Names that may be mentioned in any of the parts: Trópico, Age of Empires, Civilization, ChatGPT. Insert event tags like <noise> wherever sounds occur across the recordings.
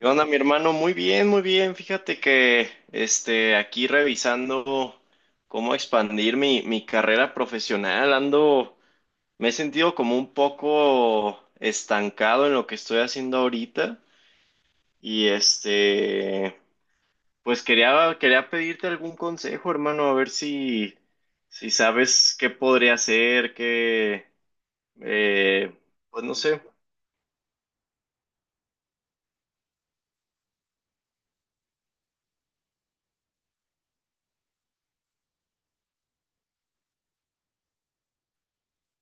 ¿Qué onda, mi hermano? Muy bien, muy bien. Fíjate que aquí revisando cómo expandir mi carrera profesional, ando, me he sentido como un poco estancado en lo que estoy haciendo ahorita. Y este, pues quería pedirte algún consejo, hermano, a ver si sabes qué podría hacer, eh, pues no sé.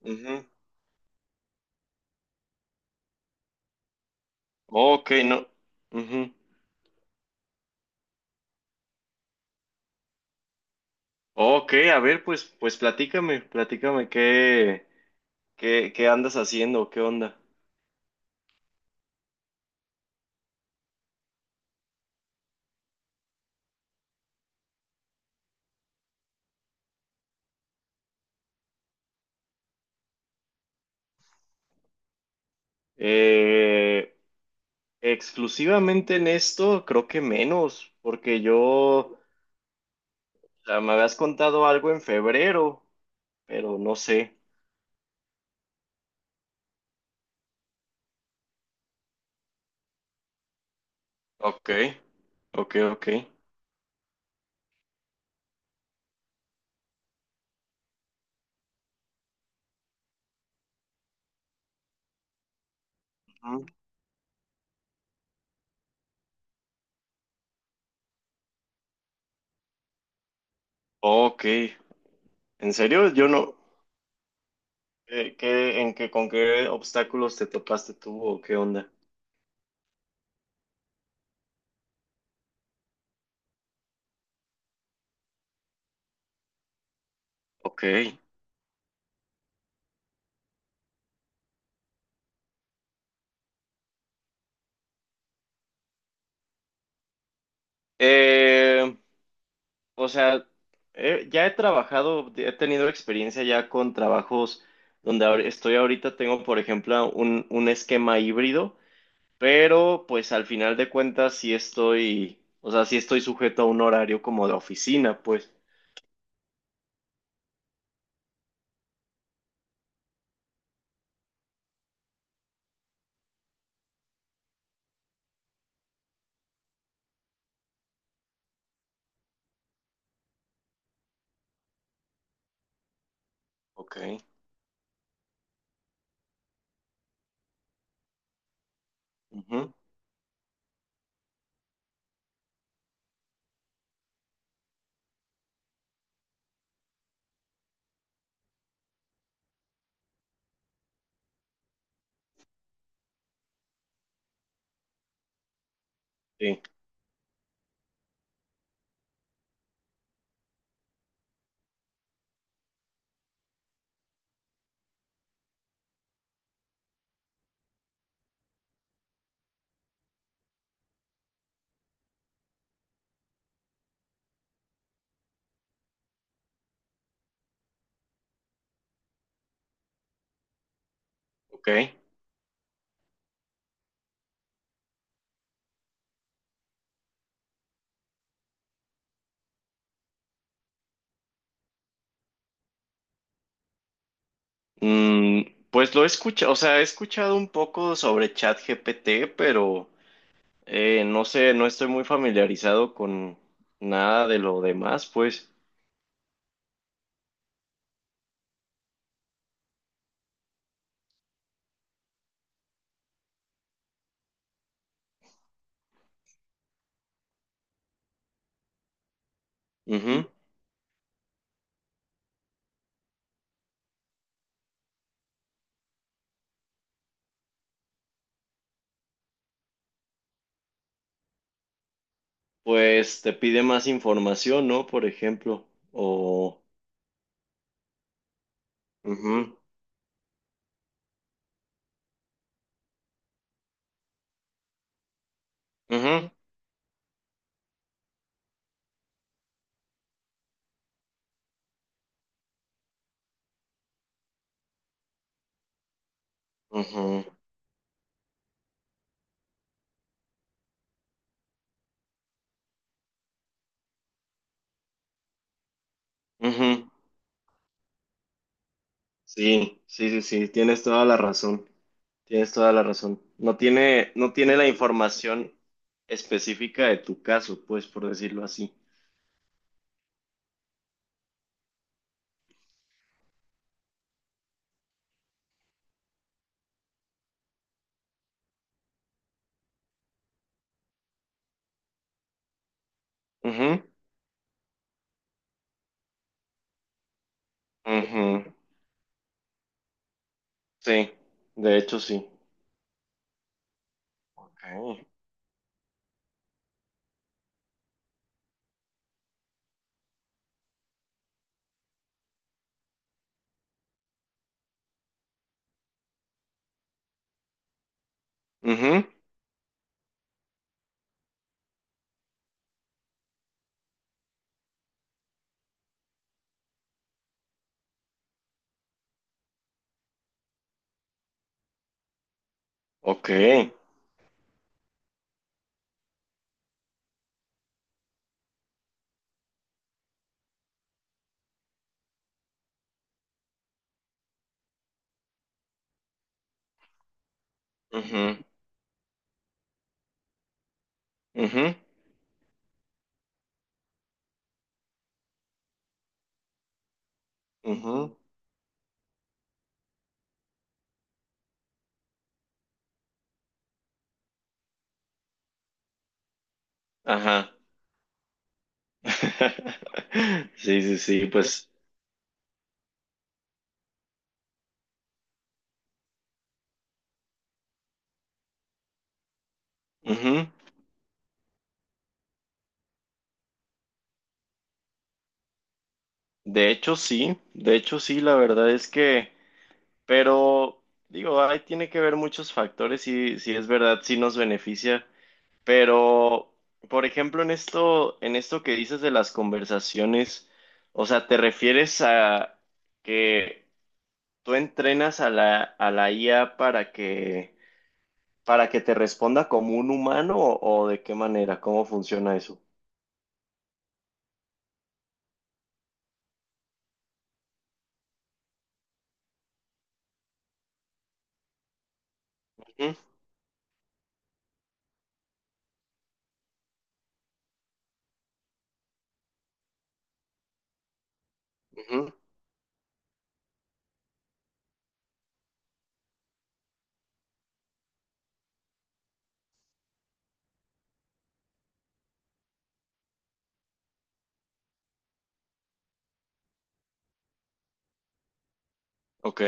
Ujú. Ok, no. Ujú. Ok, a ver, pues, pues platícame qué andas haciendo, qué onda. Eh, exclusivamente en esto, creo que menos, porque o sea, me habías contado algo en febrero, pero no sé. Ok, ok, ok. Ujú. Ok, ¿en serio? Yo no. ¿ con qué obstáculos te topaste tú o qué onda? Ok. Eh, O sea, ya he trabajado, he tenido experiencia ya con trabajos donde estoy ahorita, tengo por ejemplo un esquema híbrido, pero pues al final de cuentas sí estoy, o sea, sí estoy sujeto a un horario como de oficina, pues. Ok. Ujú, sí, ok. Mm, pues lo he escuchado, o sea, he escuchado un poco sobre ChatGPT, pero no sé, no estoy muy familiarizado con nada de lo demás, pues. Pues te pide más información, ¿no? Por ejemplo, o... Ujú, ujú, ujú, ujú. Sí, sí, sí, sí, tienes toda la razón, tienes toda la razón. No no tiene la información específica de tu caso, pues, por decirlo así. Ujú, ujú. Sí, de hecho sí. Okay. Ujú, ok. Ujú, ujú, ujú. Ajá. <laughs> Sí, sí, sí, pues. Ujú. De hecho, sí, la verdad es pero digo, ahí tiene que ver muchos factores y si es verdad, sí nos beneficia, pero, por ejemplo, en esto que dices de las conversaciones, o sea, ¿te refieres a que tú entrenas a a la IA para para que te responda como un humano o de qué manera? ¿Cómo funciona eso? Ujú, ujú, ok.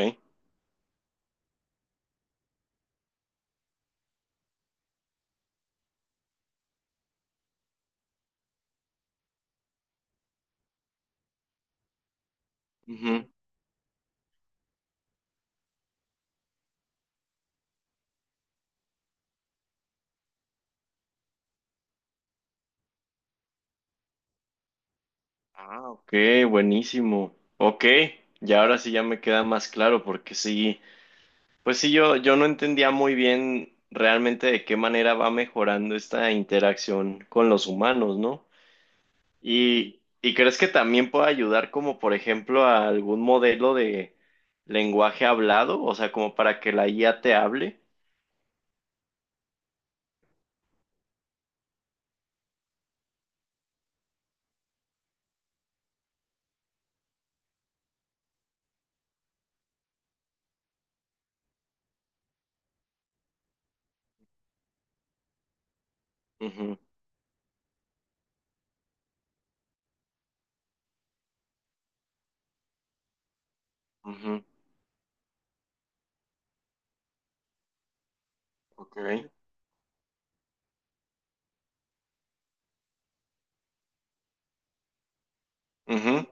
Ah, ok, buenísimo. Ok, ya ahora sí ya me queda más claro porque sí, pues sí, yo no entendía muy bien realmente de qué manera va mejorando esta interacción con los humanos, ¿no? Y crees que también puede ayudar como por ejemplo a algún modelo de lenguaje hablado, o sea, como para que la IA te hable. Ujú, ujú, ok, ujú,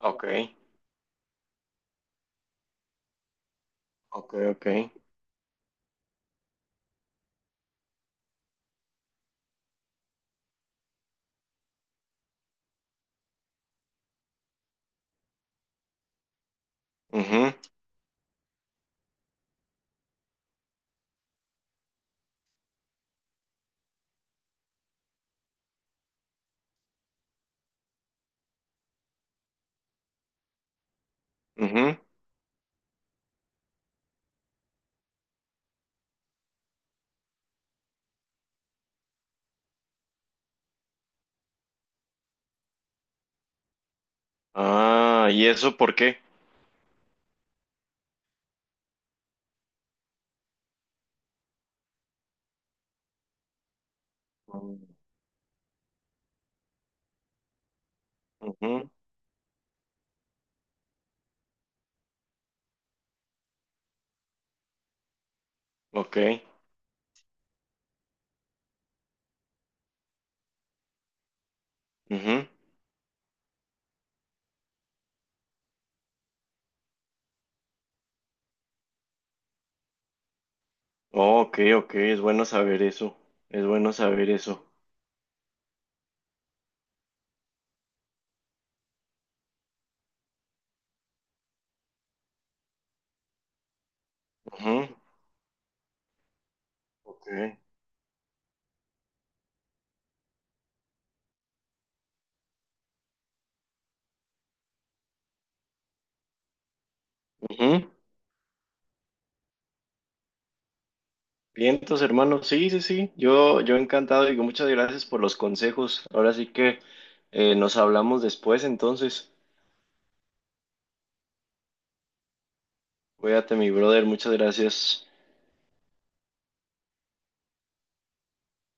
ok, ok, ok, ujú, ujú. Ah, ¿y eso por qué? Ujú, ok, ujú. Oh, ok, ok, es bueno saber eso, es bueno saber eso. Ujú, ok, ujú. Bien, entonces, hermano, sí, sí, sí, yo encantado, digo, muchas gracias por los consejos. Ahora sí que nos hablamos después, entonces, cuídate, mi brother, muchas gracias.